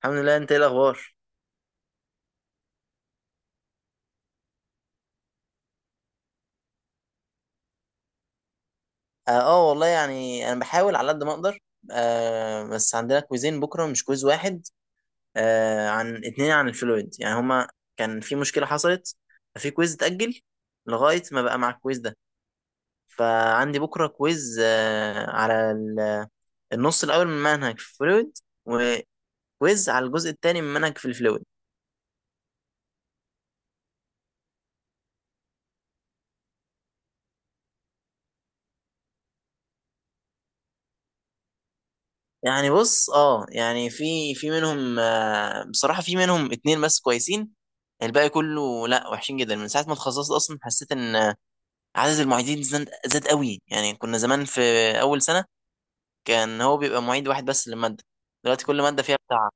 الحمد لله. انت ايه الاخبار؟ اه، والله يعني انا بحاول على قد ما اقدر. بس عندنا كويزين بكره، مش كويز واحد. عن 2، عن الفلويد، يعني هما كان في مشكله حصلت، ففي كويز اتاجل لغايه ما بقى مع الكويز ده. فعندي بكره كويز على النص الاول من منهج في الفلويد، وكويز على الجزء الثاني من منهج في الفلويد. يعني بص. اه، يعني في منهم، بصراحة في منهم 2 بس كويسين. الباقي كله لا، وحشين جدا. من ساعة ما اتخصصت أصلا حسيت إن، عدد المعيدين زاد زاد قوي. يعني كنا زمان في أول سنة كان هو بيبقى معيد واحد بس للمادة. دلوقتي كل مادة فيها بتاع.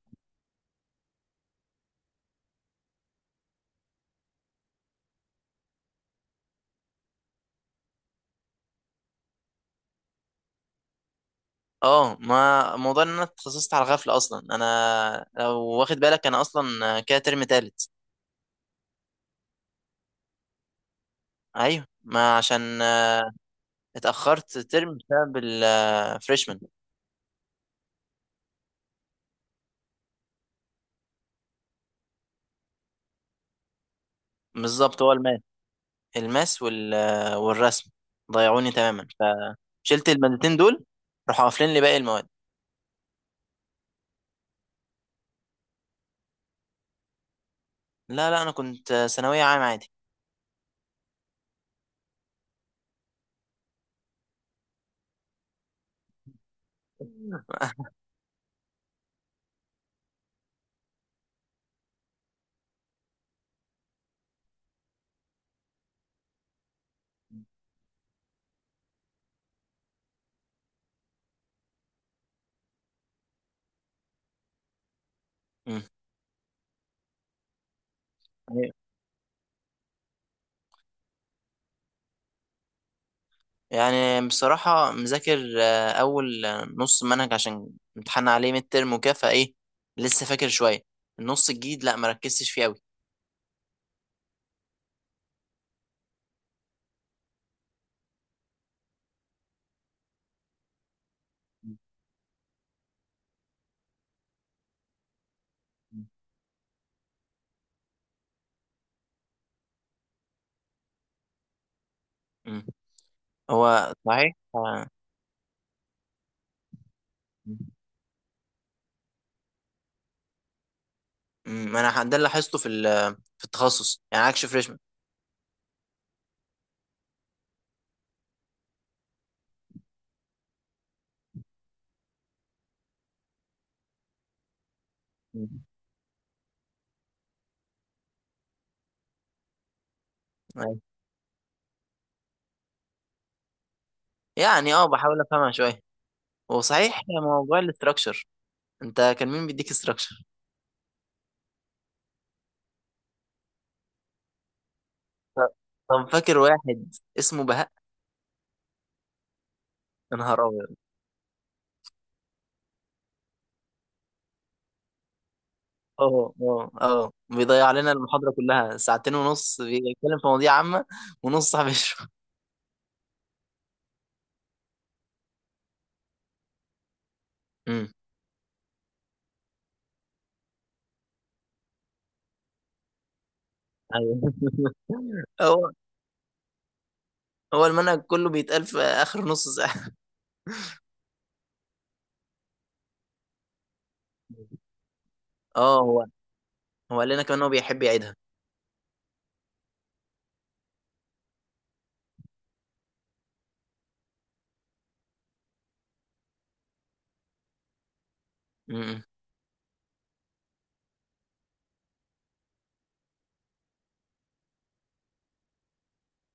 اه، ما موضوع إن أنا اتخصصت على غفلة. أصلا أنا لو واخد بالك أنا أصلا كده ترم تالت. أيوه، ما عشان اتأخرت ترم بسبب الفريشمان. بالظبط هو الماس. الماس والرسم ضيعوني تماما. فشلت المادتين دول، راحوا قافلين لي باقي المواد. لا، لا، انا كنت ثانويه عام عادي. مم. يعني بصراحه مذاكر، اول نص منهج عشان امتحان عليه ميد ترم وكده، فايه لسه فاكر شويه. النص الجديد لا، ما ركزتش فيه قوي. مم. هو صحيح مم. انا ده اللي لاحظته في في التخصص، يعني عكس فريشمان. مم. أيوة. يعني، اه، بحاول افهمها شويه. هو صحيح موضوع الاستراكشر، انت كان مين بيديك استراكشر؟ طب فاكر واحد اسمه بهاء؟ يا نهار ابيض! اه، اه، اه، بيضيع علينا المحاضره كلها 2 ساعة ونص، بيتكلم في مواضيع عامه ونص صاحب يشرح. امم. ايوه. هو هو المنهج كله بيتقال في اخر نص ساعه. اه، هو هو قال لنا كمان هو بيحب يعيدها. امم.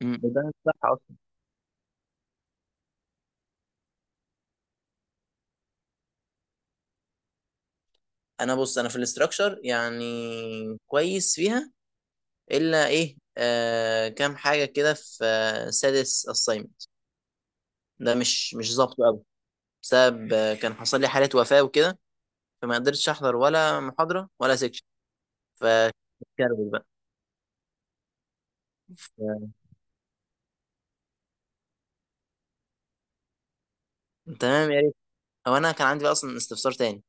أمم. ده صح اصلا. انا بص، انا في الاستراكشر يعني كويس فيها. الا ايه، كام حاجه كده في سادس assignment ده مش ظابط قوي. بسبب كان حصل لي حالة وفاة وكده، فما قدرتش احضر ولا محاضرة ولا سيكشن. فكربت بقى. ف- تمام، يا ريت. هو انا كان عندي بقى اصلا استفسار تاني.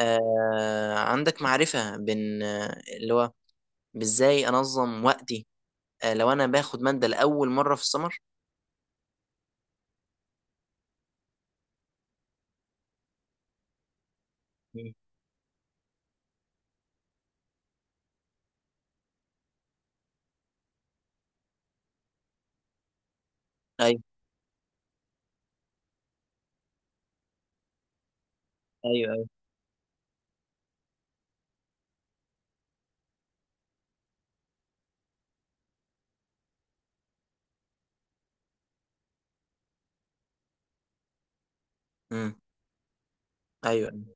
عندك معرفة بين، اللي هو بازاي انظم وقتي لو انا باخد مادة لأول مرة في السمر؟ مم. ايوه، ايوه، ايوه. امم. ايوه، ايوه.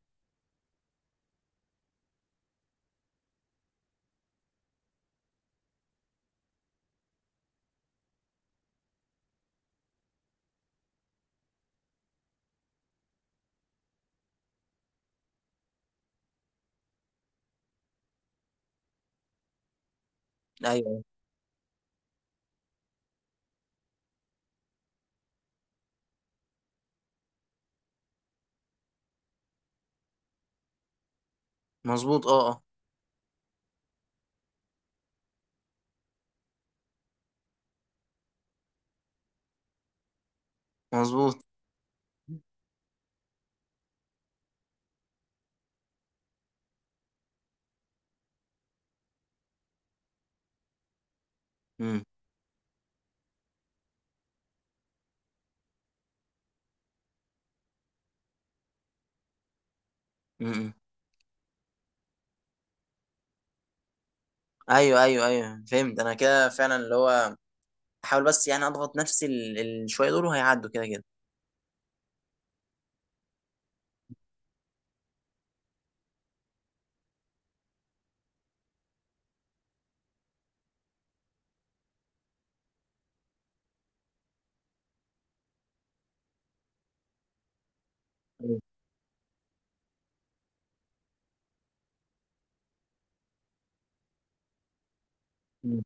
أيوة. مظبوط، اه، اه. مظبوط. امم. امم، ايوه، ايوه، ايوه، فهمت انا كده فعلا اللي هو احاول بس يعني اضغط نفسي الشويه دول وهيعدوا كده كده. مم. مم.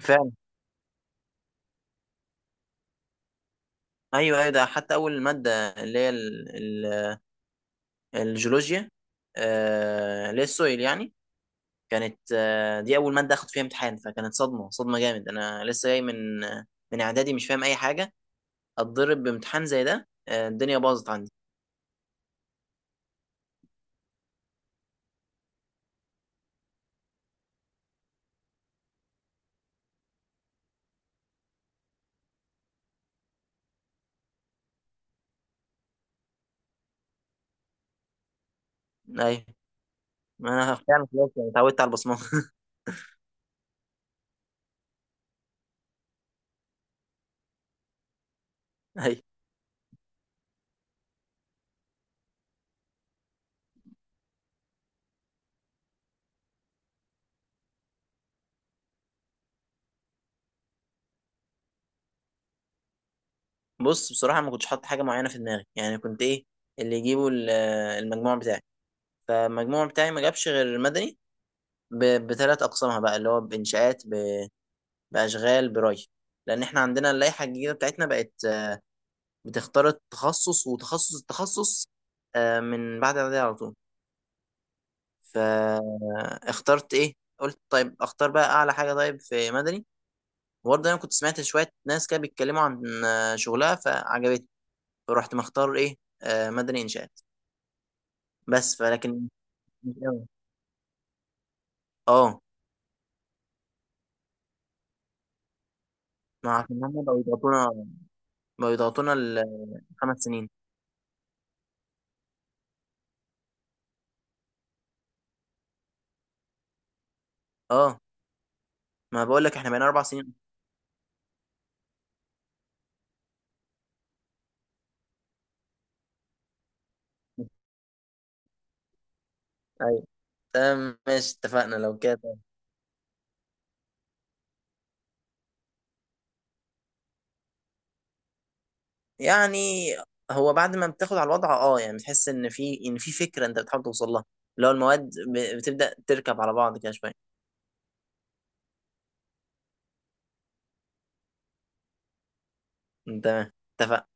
فعلا. ايوه، ايوه. ده حتى اول ماده اللي هي الجيولوجيا، اللي هي السويل يعني. كانت دي اول ماده اخد فيها امتحان، فكانت صدمه صدمه جامد، انا لسه جاي من من اعدادي مش فاهم اي حاجه. اتضرب بامتحان زي ده، الدنيا باظت عندي. ايوه، ما انا فعلا خلاص يعني اتعودت على البصمه. ايوه. بص، بصراحه ما كنتش حاطط حاجه معينه في دماغي، يعني كنت ايه؟ اللي يجيبوا المجموع بتاعي. فالمجموع بتاعي ما جابش غير المدني بثلاث أقسامها بقى، اللي هو بإنشاءات، بأشغال بري. لأن إحنا عندنا اللائحة الجديدة بتاعتنا بقت بتختار التخصص وتخصص التخصص من بعد إعدادية على طول. فاخترت إيه؟ قلت طيب، أختار بقى أعلى حاجة، طيب في مدني. وبرضه أنا كنت سمعت شوية ناس كده بيتكلموا عن شغلها فعجبتني. فرحت مختار إيه؟ مدني إنشاءات. بس فلكن مش أوي. اه. ما عشان هم بقوا يضغطونا، بقوا يضغطونا ال 5 سنين. اه، ما بقول لك احنا بقينا 4 سنين. ايوه، تمام، ماشي، اتفقنا لو كده. يعني هو بعد ما بتاخد على الوضع، اه، يعني بتحس ان في فكره انت بتحاول توصل لها، اللي هو المواد بتبدا تركب على بعض كده شويه. تمام، اتفقنا.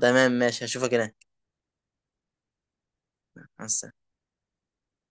تمام، ماشي، هشوفك هناك. مع السلامة.